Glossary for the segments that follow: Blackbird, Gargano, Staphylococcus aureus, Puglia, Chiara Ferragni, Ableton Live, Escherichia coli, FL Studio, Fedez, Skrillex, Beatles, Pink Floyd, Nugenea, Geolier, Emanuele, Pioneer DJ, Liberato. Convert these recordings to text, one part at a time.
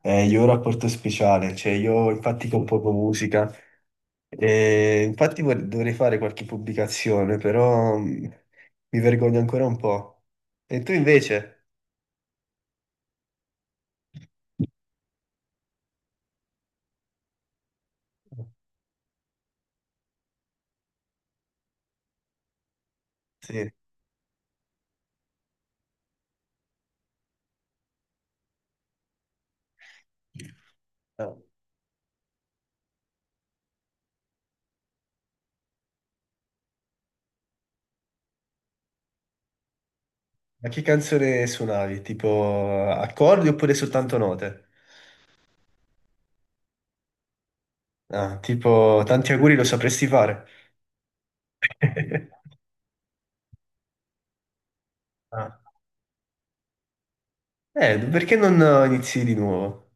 Io ho un rapporto speciale, cioè io infatti compongo musica e infatti dovrei fare qualche pubblicazione, però mi vergogno ancora un po'. E tu invece? Sì. Ah. Ma che canzone suonavi? Tipo accordi oppure soltanto note? Ah, tipo tanti auguri lo sapresti fare. Ah. Perché non inizi di nuovo?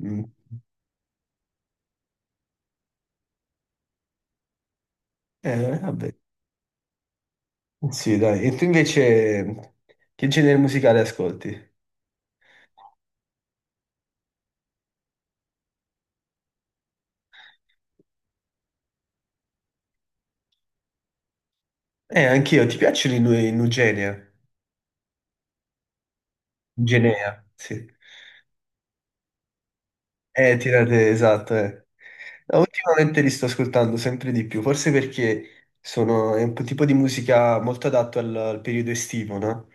Mm. Vabbè. Sì, dai. E tu invece che genere musicale ascolti? Anch'io, ti piacciono i i Nugenea? Nugenea, sì. Tirate, esatto, eh. No, ultimamente li sto ascoltando sempre di più, forse perché sono, è un po' tipo di musica molto adatto al periodo estivo, no?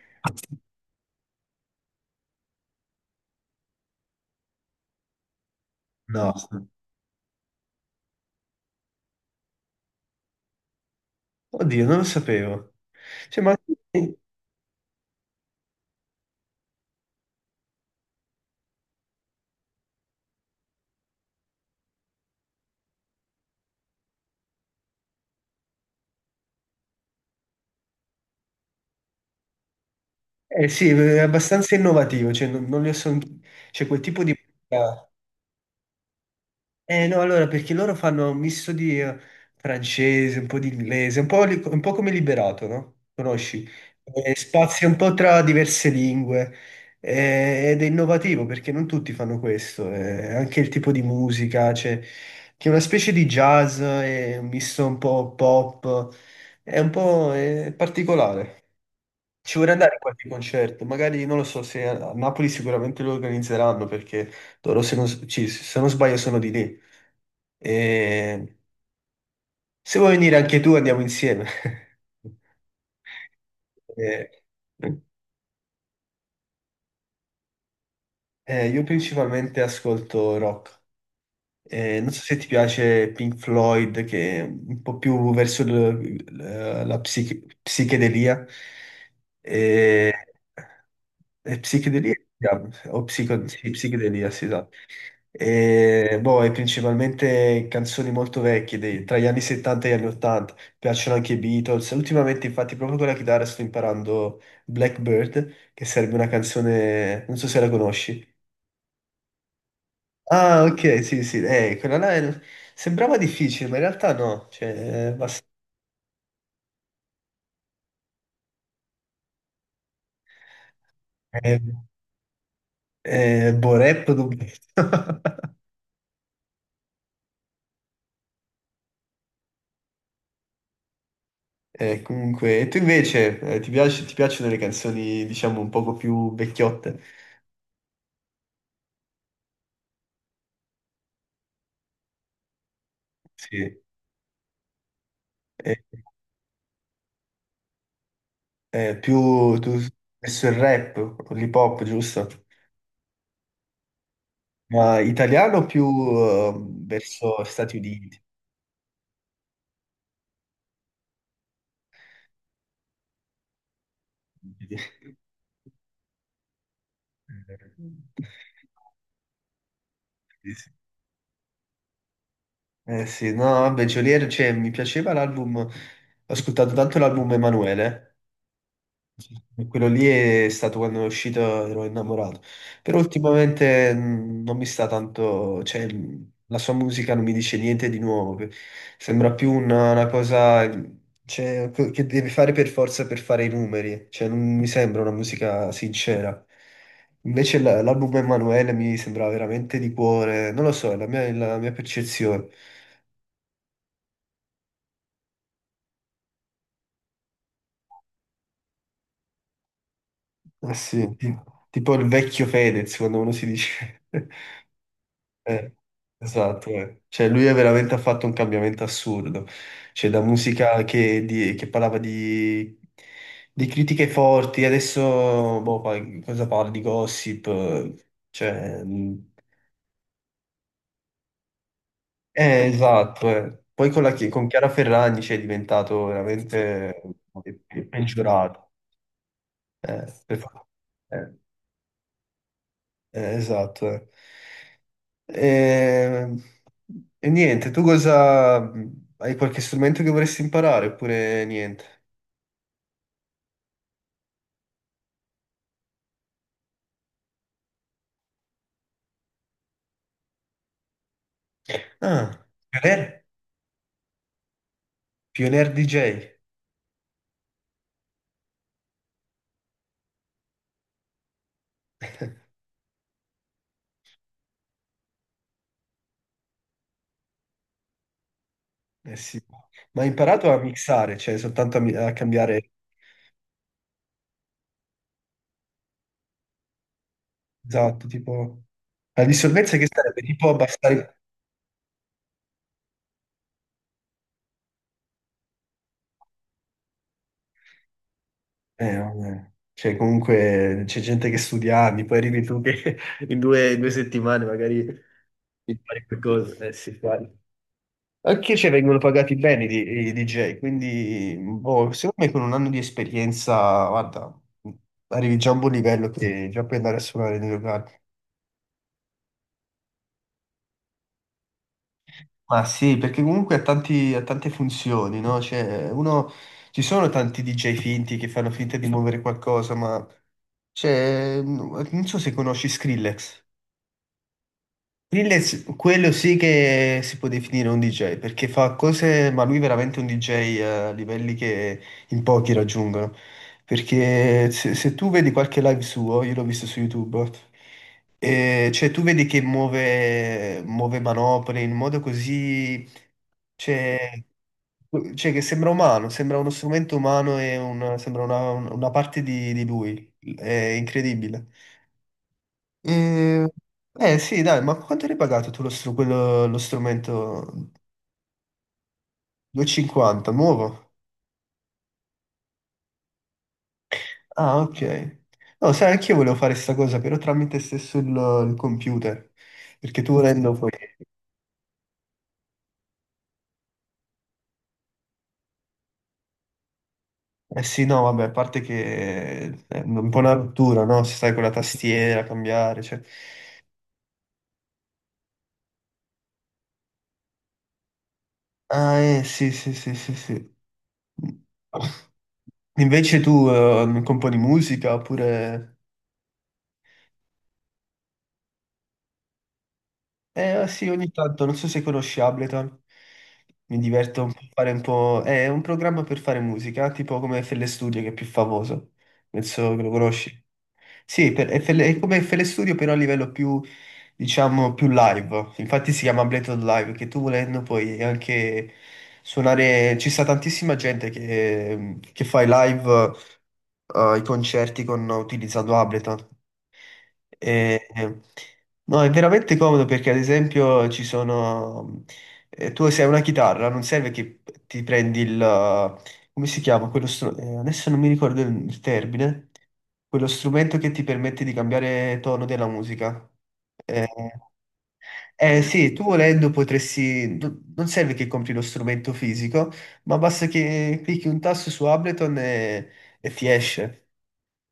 No. Oddio, non lo sapevo. Cioè, ma... Eh sì, è abbastanza innovativo, cioè non li ho son- C'è quel tipo di... Eh no, allora, perché loro fanno un misto di francese, un po' di inglese, un po' come Liberato, no? Conosci? Spazia un po' tra diverse lingue ed è innovativo perché non tutti fanno questo, anche il tipo di musica, cioè, che è una specie di jazz, è un misto un po' pop, è un po' particolare. Ci vorrei andare a qualche concerto, magari non lo so se a Napoli sicuramente lo organizzeranno perché loro se non sbaglio sono di lì. E se vuoi venire anche tu andiamo insieme. Eh, io principalmente ascolto rock. Non so se ti piace Pink Floyd, che è un po' più verso la psichedelia. Eh, è psichedelia? O sì, psichedelia, sì, esatto. E, boh, è principalmente canzoni molto vecchie, tra gli anni 70 e gli anni 80. Piacciono anche i Beatles. Ultimamente, infatti, proprio con la chitarra sto imparando Blackbird, che sarebbe una canzone, non so se la conosci. Ah, ok, sì, sì, quella là sembrava difficile, ma in realtà no, cioè, basta- eh, boh, rap dubbietto. Comunque, e tu invece, ti piacciono le canzoni, diciamo, un poco più vecchiotte? Sì. Eh, più, tu, verso il rap, o l'hip hop, giusto? Ma italiano o più verso Stati Uniti? Eh sì, no, vabbè, Geolier, cioè, mi piaceva l'album, ho ascoltato tanto l'album Emanuele, e quello lì è stato quando è uscito, ero innamorato, però ultimamente non mi sta tanto, cioè, la sua musica non mi dice niente di nuovo, sembra più una cosa, cioè, che deve fare per forza per fare i numeri, cioè, non mi sembra una musica sincera. Invece l'album Emanuele mi sembrava veramente di cuore, non lo so, è la mia percezione. Eh sì, tipo il vecchio Fedez, quando uno si dice... Eh, esatto, eh. Cioè lui è veramente ha fatto un cambiamento assurdo. Cioè da musica che parlava di, critiche forti, adesso boh, cosa parla di gossip? Cioè, esatto, eh. Poi con Chiara Ferragni cioè, è diventato veramente peggiorato. Eh, per fa- eh, esatto. Eh. E, e, niente, tu cosa... Hai qualche strumento che vorresti imparare oppure niente? Ah, Pioneer? Pioneer DJ. Eh sì. Ma hai imparato a mixare, cioè soltanto a cambiare... Esatto, tipo... La dissolvenza che sarebbe? Tipo abbassare... vabbè. Cioè comunque c'è gente che studia anni, poi arrivi tu che in due settimane magari impari qualcosa. Eh sì, vai. Anche se vengono pagati bene i DJ, quindi boh, secondo me con un anno di esperienza, guarda, arrivi già a un buon livello che già puoi andare a suonare nei locali. Ma sì, perché comunque ha ha tante funzioni, no? Cioè, uno, ci sono tanti DJ finti che fanno finta di muovere qualcosa, ma cioè, non so se conosci Skrillex. Lil è quello sì che si può definire un DJ, perché fa cose, ma lui è veramente un DJ a livelli che in pochi raggiungono. Perché se tu vedi qualche live suo, io l'ho visto su YouTube, cioè tu vedi che muove, muove manopole in modo così, cioè, cioè che sembra umano, sembra uno strumento umano e sembra una parte di lui. È incredibile. Eh, sì, dai, ma quanto hai pagato tu lo strumento 250, nuovo? Ah, ok. No, sai, anch'io volevo fare sta cosa, però tramite stesso il computer, perché tu volendo poi... Eh sì, no, vabbè, a parte che è un po' una rottura, no? Se stai con la tastiera, cambiare, cioè... Ah, sì, sì, sì, sì, sì. Invece tu componi musica oppure... Eh sì, ogni tanto, non so se conosci Ableton, mi diverto un po' a fare un po'... È un programma per fare musica, tipo come FL Studio che è più famoso, penso che lo conosci. Sì, per FL è come FL Studio però a livello più, diciamo, più live, infatti si chiama Ableton Live, che tu volendo puoi anche suonare... Ci sta tantissima gente che fa i live, i concerti con, utilizzando Ableton. E- e- no, è veramente comodo perché ad esempio ci sono... tu se hai una chitarra, non serve che ti prendi il... come si chiama? Quello adesso non mi ricordo il termine. Quello strumento che ti permette di cambiare tono della musica. Eh, sì, tu volendo potresti... Non serve che compri lo strumento fisico, ma basta che clicchi un tasto su Ableton e ti esce.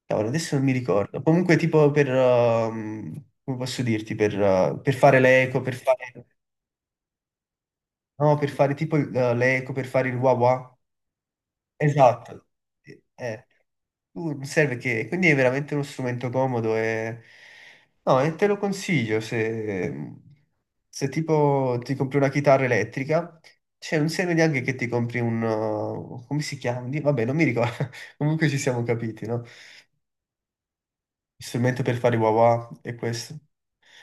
Cavolo, adesso non mi ricordo. Comunque, tipo per, come posso dirti, per fare le eco, per fare, no, per fare tipo le eco, per fare il wah wah. Esatto. Eh, eh. Tu serve che, quindi è veramente uno strumento comodo e, no, e te lo consiglio se, tipo ti compri una chitarra elettrica, cioè non serve neanche che ti compri un, come si chiama? Vabbè, non mi ricordo. Comunque ci siamo capiti, no? Il strumento per fare i wah wah è questo.